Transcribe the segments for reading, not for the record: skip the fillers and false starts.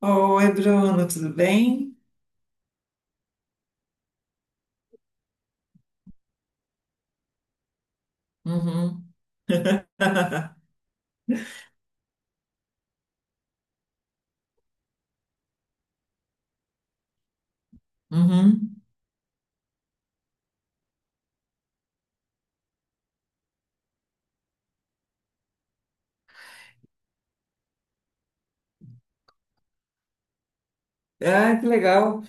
Oi, Bruno, tudo bem? Uhum, uhum. Ah, que legal.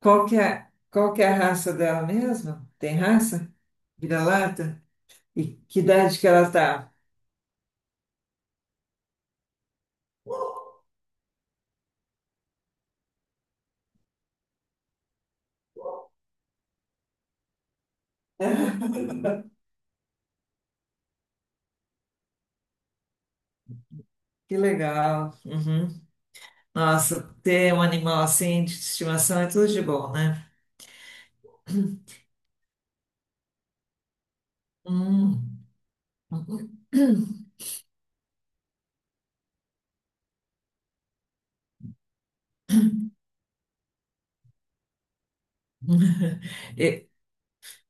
Qual que é a raça dela mesmo? Tem raça? Vira-lata? E que idade que ela tá? Que legal. Uhum. Nossa, ter um animal assim de estimação é tudo de bom, né? Hum. E-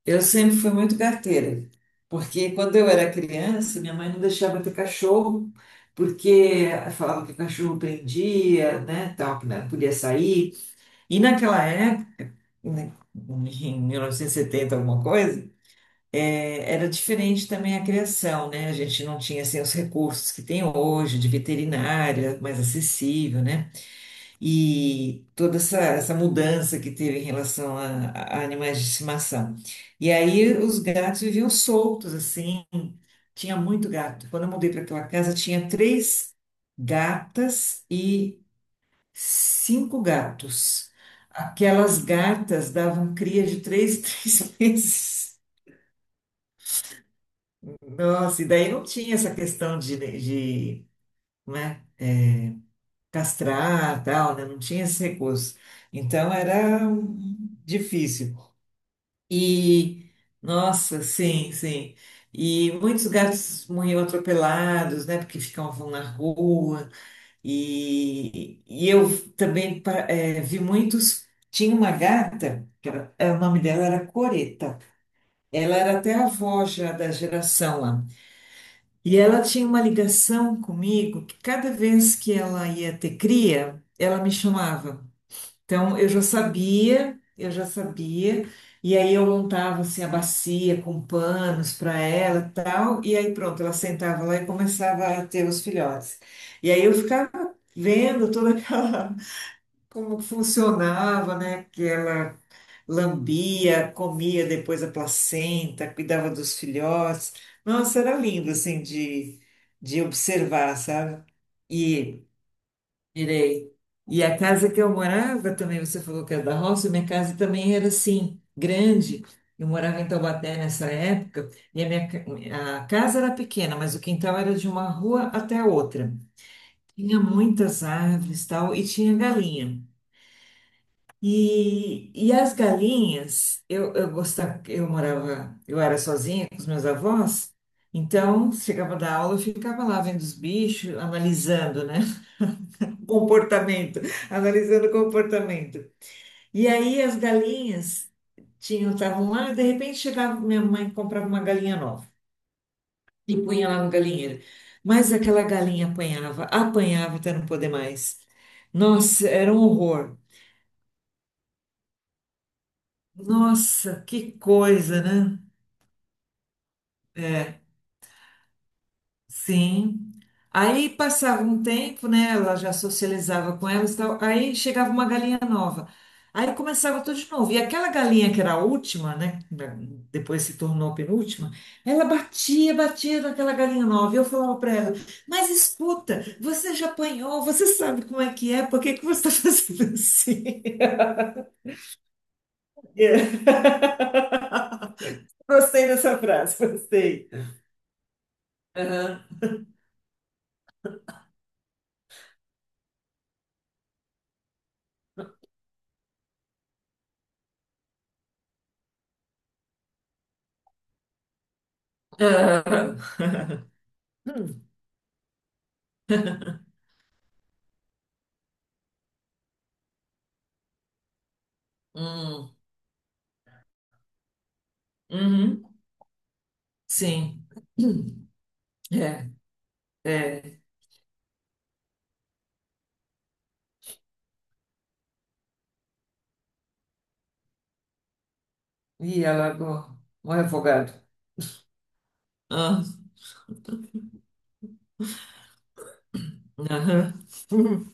Eu sempre fui muito carteira, porque quando eu era criança, minha mãe não deixava eu ter cachorro, porque falava que o cachorro prendia, né, tal, que não podia sair. E naquela época, né, em 1970, alguma coisa, era diferente também a criação, né? A gente não tinha assim, os recursos que tem hoje, de veterinária mais acessível, né? E toda essa mudança que teve em relação a animais de estimação. E aí os gatos viviam soltos, assim, tinha muito gato. Quando eu mudei para aquela casa, tinha três gatas e cinco gatos. Aquelas gatas davam cria de três, três meses. Nossa, e daí não tinha essa questão né, castrar, tal, né? Não tinha esse recurso. Então era difícil. E, nossa, sim, sim. E muitos gatos morriam atropelados, né? Porque ficavam na rua. E eu também pa- vi muitos. Tinha uma gata, que era, eh, o nome dela era Coreta. Ela era até avó já da geração lá. E ela tinha uma ligação comigo que cada vez que ela ia ter cria, ela me chamava. Então, e aí eu montava assim a bacia com panos para ela e tal, e aí pronto, ela sentava lá e começava a ter os filhotes. E aí eu ficava vendo toda aquela como funcionava, né? Que ela lambia, comia depois a placenta, cuidava dos filhotes. Nossa, era lindo assim de observar, sabe? E Irei. E a casa que eu morava também, você falou que era da roça, minha casa também era assim, grande. Eu morava em Taubaté nessa época, e a minha ca- a casa era pequena, mas o quintal era de uma rua até a outra. Tinha muitas árvores, tal, e tinha galinha. E as galinhas, eu gostava, eu morava, eu era sozinha com os meus avós, então chegava da aula, eu ficava lá vendo os bichos, analisando, né? comportamento, analisando o comportamento. E aí as galinhas tinham, estavam lá, e de repente chegava minha mãe e comprava uma galinha nova e punha lá no galinheiro. Mas aquela galinha apanhava, apanhava até não poder mais. Nossa, era um horror. Nossa, que coisa, né? É. Sim. Aí passava um tempo, né? Ela já socializava com elas e tal. Aí chegava uma galinha nova. Aí começava tudo de novo. E aquela galinha que era a última, né? Depois se tornou a penúltima. Ela batia, batia naquela galinha nova. E eu falava para ela: mas escuta, você já apanhou, você sabe como é que é, por que que você está fazendo assim? É. Gostei dessa frase, gostei. Aham. Aham. Hum. Uhum. Sim. É, é. E ela alagou. Um refogado. Ah, aham.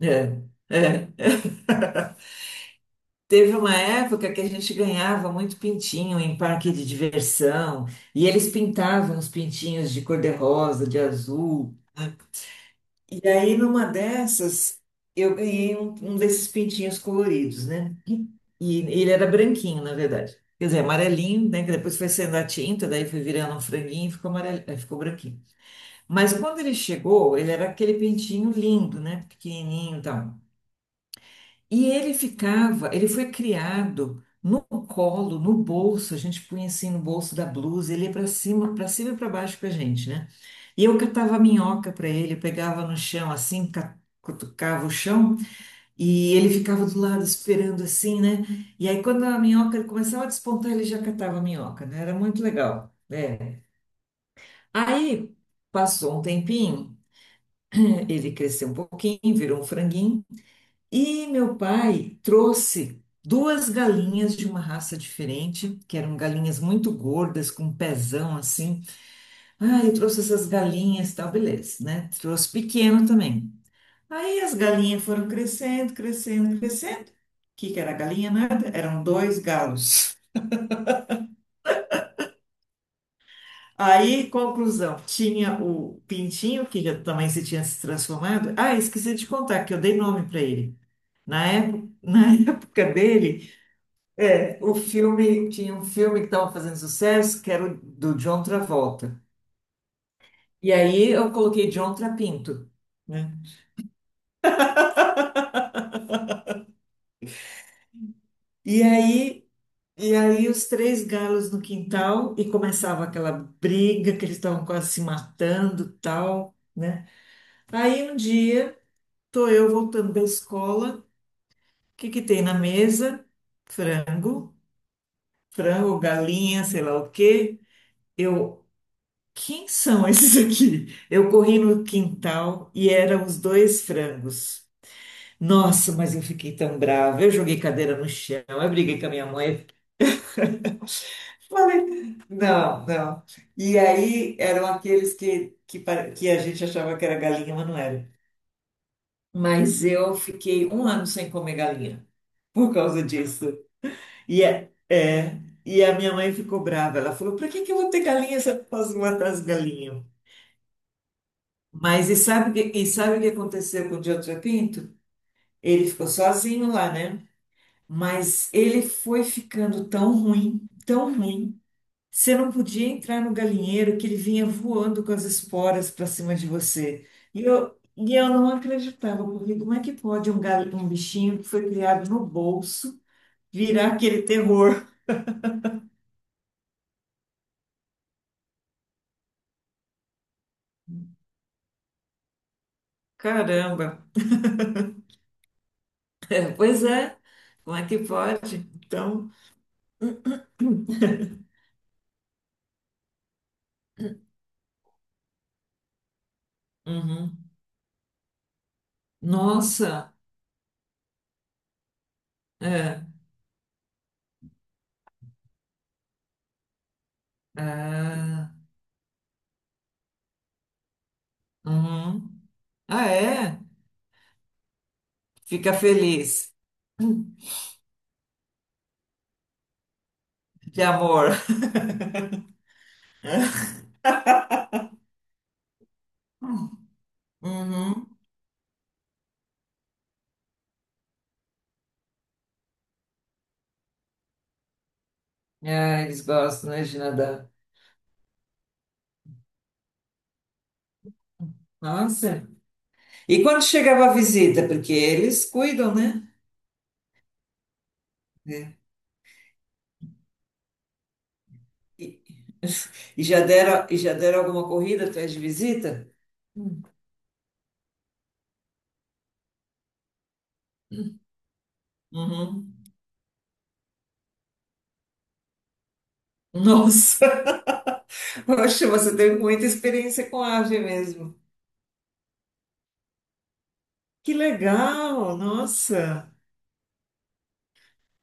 É, é. Teve uma época que a gente ganhava muito pintinho em parque de diversão, e eles pintavam os pintinhos de cor-de-rosa, de azul. E aí, numa dessas, eu ganhei um desses pintinhos coloridos, né? E ele era branquinho, na verdade. Quer dizer, amarelinho, né? Que depois foi sendo a tinta, daí foi virando um franguinho e ficou amarelo, ficou branquinho. Mas quando ele chegou, ele era aquele pintinho lindo, né? Pequenininho e tal. E ele ficava, ele foi criado no colo, no bolso, a gente punha assim no bolso da blusa, ele ia para cima e para baixo com a gente, né? E eu catava minhoca para ele, pegava no chão assim, ca- cutucava o chão e ele ficava do lado esperando assim, né? E aí quando a minhoca ele começava a despontar, ele já catava a minhoca, né? Era muito legal, né? Aí passou um tempinho, ele cresceu um pouquinho, virou um franguinho. E meu pai trouxe duas galinhas de uma raça diferente, que eram galinhas muito gordas, com um pezão assim. Ah, eu trouxe essas galinhas, tal, beleza, né? Trouxe pequeno também. Aí as galinhas foram crescendo. O que que era galinha? Nada, eram dois galos. Aí, conclusão, tinha o pintinho, que já também se tinha se transformado. Ah, esqueci de contar que eu dei nome para ele. Na época, na época dele. É, o filme, tinha um filme que estava fazendo sucesso, que era o do John Travolta. E aí eu coloquei John Trapinto, né? E aí, e aí os três galos no quintal e começava aquela briga que eles estavam quase se matando, tal, né? Aí um dia, tô eu voltando da escola, o que que tem na mesa? Frango, frango, galinha, sei lá o quê. Eu quem são esses aqui? Eu corri no quintal e eram os dois frangos. Nossa, mas eu fiquei tão brava. Eu joguei cadeira no chão, eu briguei com a minha mãe. Falei, não, não. E aí eram aqueles pare- que a gente achava que era galinha, mas não era. Mas eu fiquei um ano sem comer galinha por causa disso. E, é, é, e a minha mãe ficou brava. Ela falou: pra que que eu vou ter galinha se eu posso matar as galinhas? Mas e sabe, o que- e sabe o que aconteceu com o Diogo Pinto? Ele ficou sozinho lá, né? Mas ele foi ficando tão ruim, tão ruim. Você não podia entrar no galinheiro que ele vinha voando com as esporas para cima de você. E eu não acreditava, porque como é que pode um, gal, um bichinho que foi criado no bolso virar aquele terror? Caramba! Pois é, como é que pode? Então, uhum. Nossa! É. Ah. Uhum. Ah, é? Fica feliz de amor. Uhum. Ah, eles gostam, né, de nadar. Nossa. E quando chegava a visita? Porque eles cuidam, né? É. E, e já deram alguma corrida atrás de visita? Uhum. Nossa, oxe, você teve muita experiência com ave mesmo. Que legal, nossa.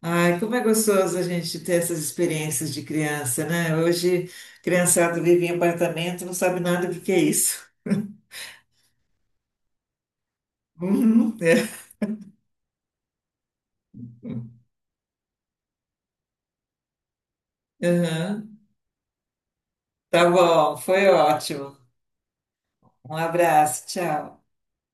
Ai, como é gostoso a gente ter essas experiências de criança, né? Hoje, criançada vive em apartamento, não sabe nada do que é isso. Uhum, é, aham. Tá bom, foi ótimo. Um abraço, tchau.